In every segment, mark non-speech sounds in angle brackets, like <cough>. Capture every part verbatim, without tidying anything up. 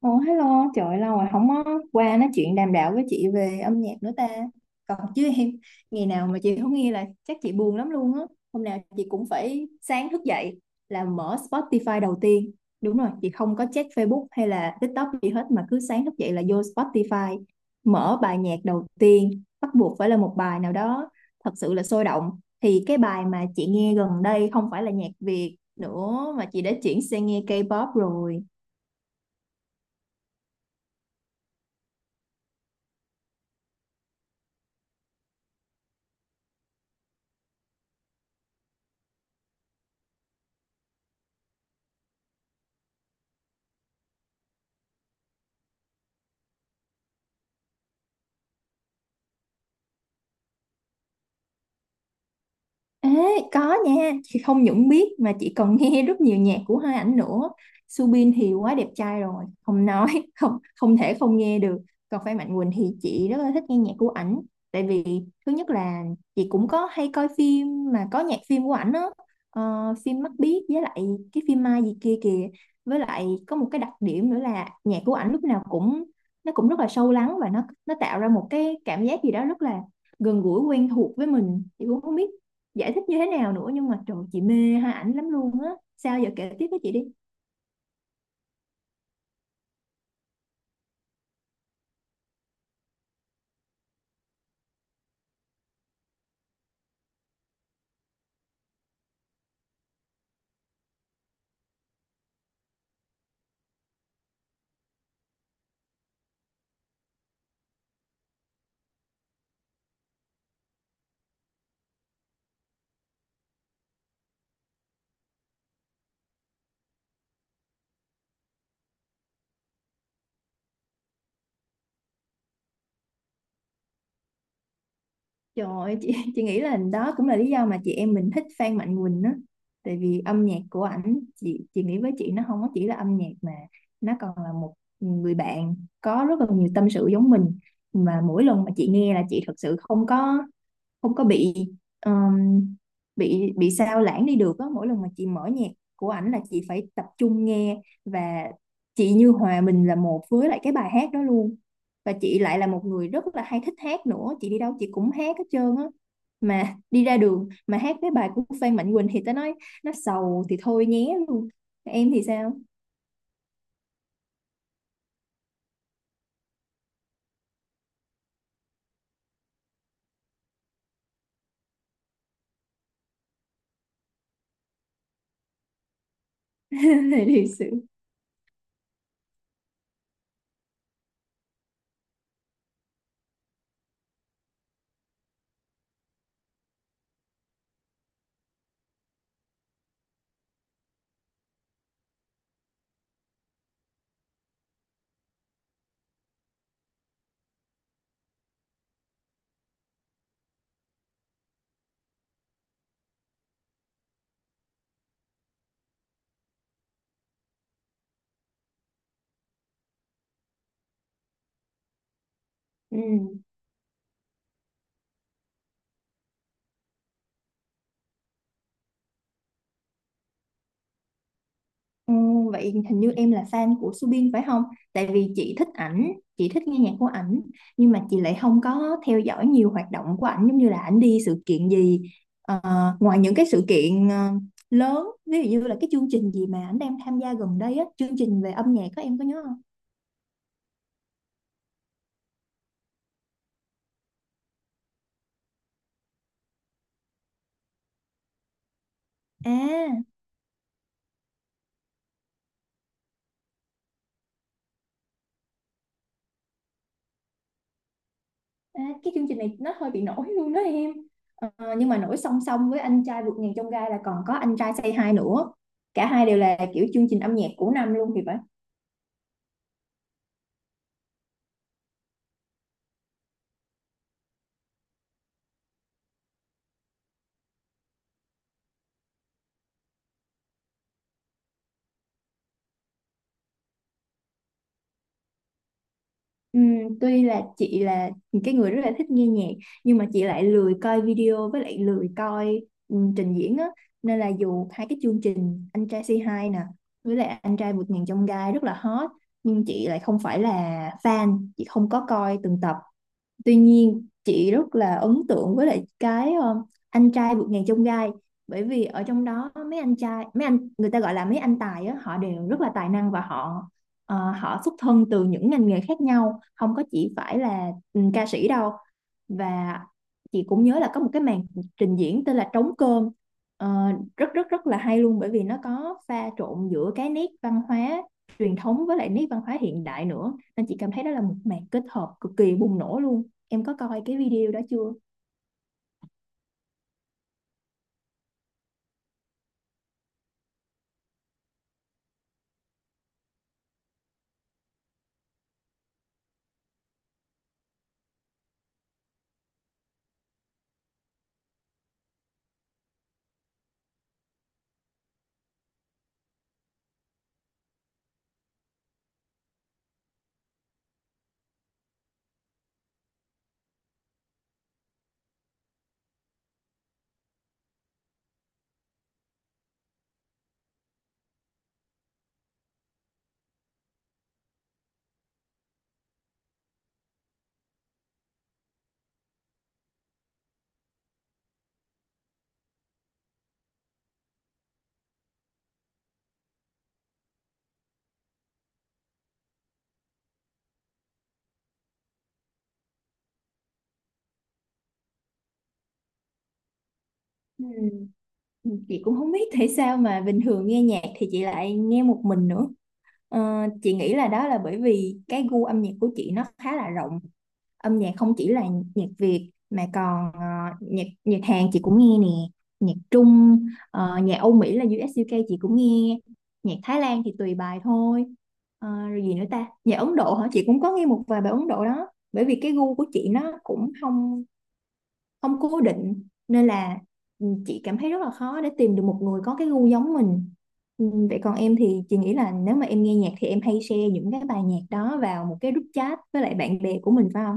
Ồ, hello, trời ơi, lâu rồi không có qua nói chuyện đàm đạo với chị về âm nhạc nữa ta. Còn chứ em, ngày nào mà chị không nghe là chắc chị buồn lắm luôn á. Hôm nào chị cũng phải sáng thức dậy là mở Spotify đầu tiên. Đúng rồi, chị không có check Facebook hay là TikTok gì hết mà cứ sáng thức dậy là vô Spotify, mở bài nhạc đầu tiên, bắt buộc phải là một bài nào đó thật sự là sôi động. Thì cái bài mà chị nghe gần đây không phải là nhạc Việt nữa mà chị đã chuyển sang nghe K-pop rồi. Ê, có nha, chị không những biết mà chị còn nghe rất nhiều nhạc của hai ảnh nữa. Subin thì quá đẹp trai rồi, không nói, <laughs> không không thể không nghe được. Còn Phan Mạnh Quỳnh thì chị rất là thích nghe nhạc của ảnh. Tại vì thứ nhất là chị cũng có hay coi phim mà có nhạc phim của ảnh á. Ờ, phim Mắt Biếc với lại cái phim Mai gì kia kìa. Với lại có một cái đặc điểm nữa là nhạc của ảnh lúc nào cũng nó cũng rất là sâu lắng và nó nó tạo ra một cái cảm giác gì đó rất là gần gũi quen thuộc với mình. Chị cũng không biết giải thích như thế nào nữa, nhưng mà trời, chị mê hai ảnh lắm luôn á. Sao giờ kể tiếp với chị đi. Trời ơi, chị <laughs> chị nghĩ là đó cũng là lý do mà chị em mình thích Phan Mạnh Quỳnh á. Tại vì âm nhạc của ảnh, chị chị nghĩ với chị nó không có chỉ là âm nhạc mà nó còn là một người bạn có rất là nhiều tâm sự giống mình. Mà mỗi lần mà chị nghe là chị thật sự không có không có bị um, bị bị sao lãng đi được á. Mỗi lần mà chị mở nhạc của ảnh là chị phải tập trung nghe, và chị như hòa mình là một với lại cái bài hát đó luôn. Và chị lại là một người rất là hay thích hát nữa, chị đi đâu chị cũng hát hết trơn á. Mà đi ra đường mà hát cái bài của Phan Mạnh Quỳnh thì tao nói nó sầu thì thôi nhé luôn. Em thì sao? <laughs> Thì sự ừ. Ừ, vậy hình như em là fan của Subin phải không? Tại vì chị thích ảnh, chị thích nghe nhạc của ảnh, nhưng mà chị lại không có theo dõi nhiều hoạt động của ảnh giống như là ảnh đi sự kiện gì. Ờ, ngoài những cái sự kiện ờ, lớn, ví dụ như là cái chương trình gì mà ảnh đang tham gia gần đây á, chương trình về âm nhạc, có em có nhớ không? À, à cái chương trình này nó hơi bị nổi luôn đó em. Ờ, nhưng mà nổi song song với anh trai vượt ngàn chông gai là còn có anh trai Say Hi nữa. Cả hai đều là kiểu chương trình âm nhạc của năm luôn thì phải. Ừm, tuy là chị là cái người rất là thích nghe nhạc nhưng mà chị lại lười coi video với lại lười coi, ừm, trình diễn á, nên là dù hai cái chương trình Anh trai Say Hi nè với lại Anh trai vượt ngàn chông gai rất là hot nhưng chị lại không phải là fan, chị không có coi từng tập. Tuy nhiên chị rất là ấn tượng với lại cái ờ, anh trai vượt ngàn chông gai, bởi vì ở trong đó mấy anh trai, mấy anh người ta gọi là mấy anh tài á, họ đều rất là tài năng, và họ ờ, họ xuất thân từ những ngành nghề khác nhau không có chỉ phải là ừ, ca sĩ đâu. Và chị cũng nhớ là có một cái màn trình diễn tên là trống cơm. Ờ, rất rất rất là hay luôn bởi vì nó có pha trộn giữa cái nét văn hóa truyền thống với lại nét văn hóa hiện đại nữa, nên chị cảm thấy đó là một màn kết hợp cực kỳ bùng nổ luôn. Em có coi cái video đó chưa? Ừ. Ừ, chị cũng không biết tại sao mà bình thường nghe nhạc thì chị lại nghe một mình nữa. Ờ, chị nghĩ là đó là bởi vì cái gu âm nhạc của chị nó khá là rộng. Âm nhạc không chỉ là nhạc Việt mà còn ờ, nhạc nhạc Hàn chị cũng nghe nè, nhạc Trung, ờ, nhạc Âu Mỹ là u ét u ca chị cũng nghe, nhạc Thái Lan thì tùy bài thôi. Ờ, rồi gì nữa ta? Nhạc Ấn Độ hả? Chị cũng có nghe một vài bài Ấn Độ đó. Bởi vì cái gu của chị nó cũng không không cố định, nên là ừ, chị cảm thấy rất là khó để tìm được một người có cái gu giống mình. Ừ, vậy còn em thì chị nghĩ là nếu mà em nghe nhạc thì em hay share những cái bài nhạc đó vào một cái group chat với lại bạn bè của mình phải không?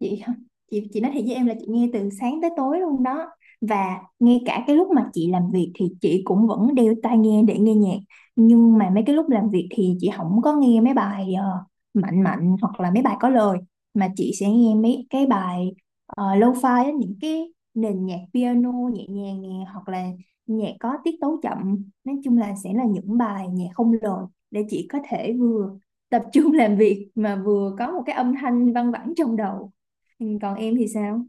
Chị không, chị chị nói thiệt với em là chị nghe từ sáng tới tối luôn đó, và ngay cả cái lúc mà chị làm việc thì chị cũng vẫn đeo tai nghe để nghe nhạc. Nhưng mà mấy cái lúc làm việc thì chị không có nghe mấy bài ờ, mạnh mạnh hoặc là mấy bài có lời, mà chị sẽ nghe mấy cái bài ờ, lo-fi á, những cái nền nhạc piano nhẹ nhàng nè, hoặc là nhạc có tiết tấu chậm. Nói chung là sẽ là những bài nhạc không lời để chị có thể vừa tập trung <laughs> làm việc mà vừa có một cái âm thanh văng vẳng trong đầu. Ừ, còn em thì sao?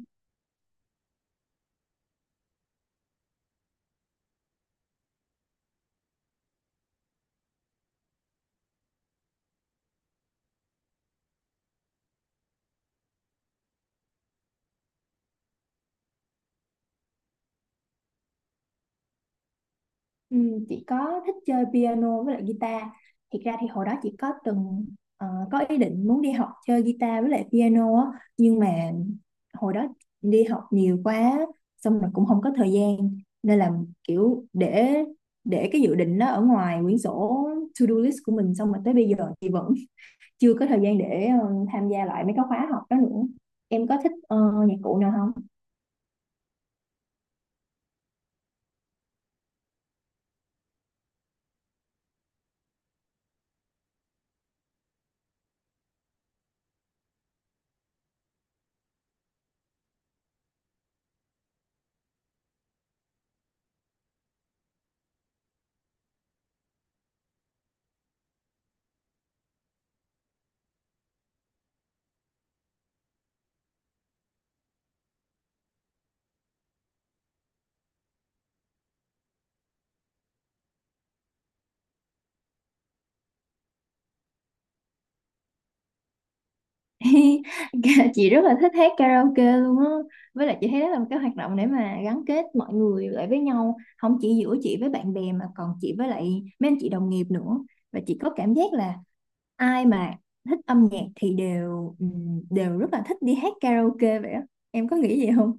Ừ, chị có thích chơi piano với lại guitar. Thiệt ra thì hồi đó chị có từng ờ, có ý định muốn đi học chơi guitar với lại piano á, nhưng mà hồi đó đi học nhiều quá, xong rồi cũng không có thời gian, nên là kiểu để để cái dự định đó ở ngoài quyển sổ to-do list của mình, xong rồi tới bây giờ chị vẫn <laughs> chưa có thời gian để ờ, tham gia lại mấy cái khóa học đó nữa. Em có thích ờ, nhạc cụ nào không? <laughs> Chị rất là thích hát karaoke luôn á, với lại chị thấy đó là một cái hoạt động để mà gắn kết mọi người lại với nhau, không chỉ giữa chị với bạn bè mà còn chị với lại mấy anh chị đồng nghiệp nữa. Và chị có cảm giác là ai mà thích âm nhạc thì đều ừm, đều rất là thích đi hát karaoke vậy á. Em có nghĩ vậy không?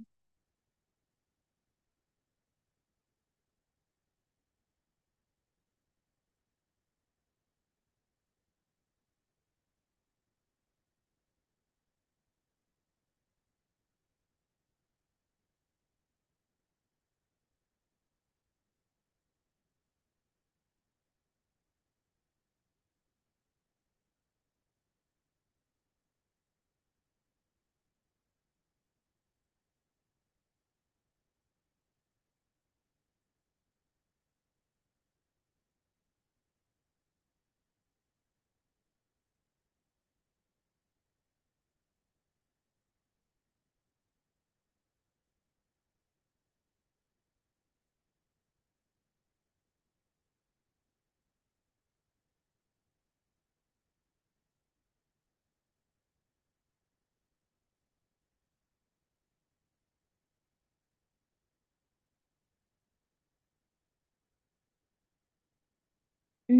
Ừ.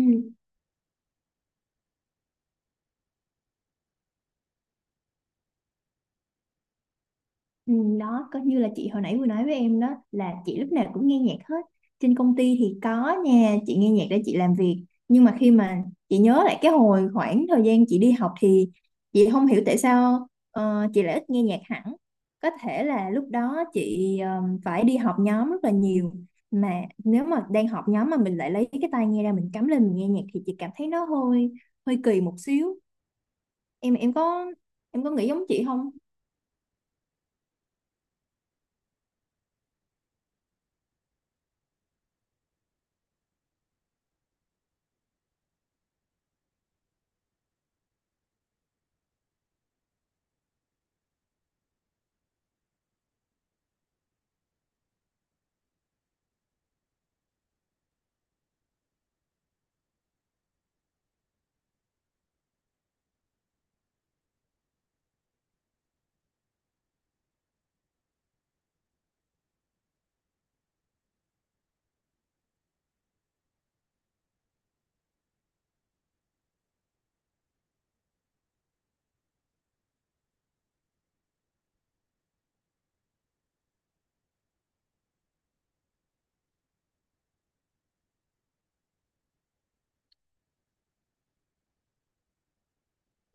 Ừ, đó có như là chị hồi nãy vừa nói với em đó, là chị lúc nào cũng nghe nhạc hết. Trên công ty thì có nha, chị nghe nhạc để chị làm việc, nhưng mà khi mà chị nhớ lại cái hồi khoảng thời gian chị đi học thì chị không hiểu tại sao ờ, chị lại ít nghe nhạc hẳn. Có thể là lúc đó chị ờ, phải đi họp nhóm rất là nhiều, mà nếu mà đang họp nhóm mà mình lại lấy cái tai nghe ra mình cắm lên mình nghe nhạc thì chị cảm thấy nó hơi hơi kỳ một xíu. Em em có em có nghĩ giống chị không?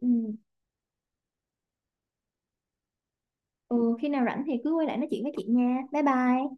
Ừ. Ừ, khi nào rảnh thì cứ quay lại nói chuyện với chị nha. Bye bye.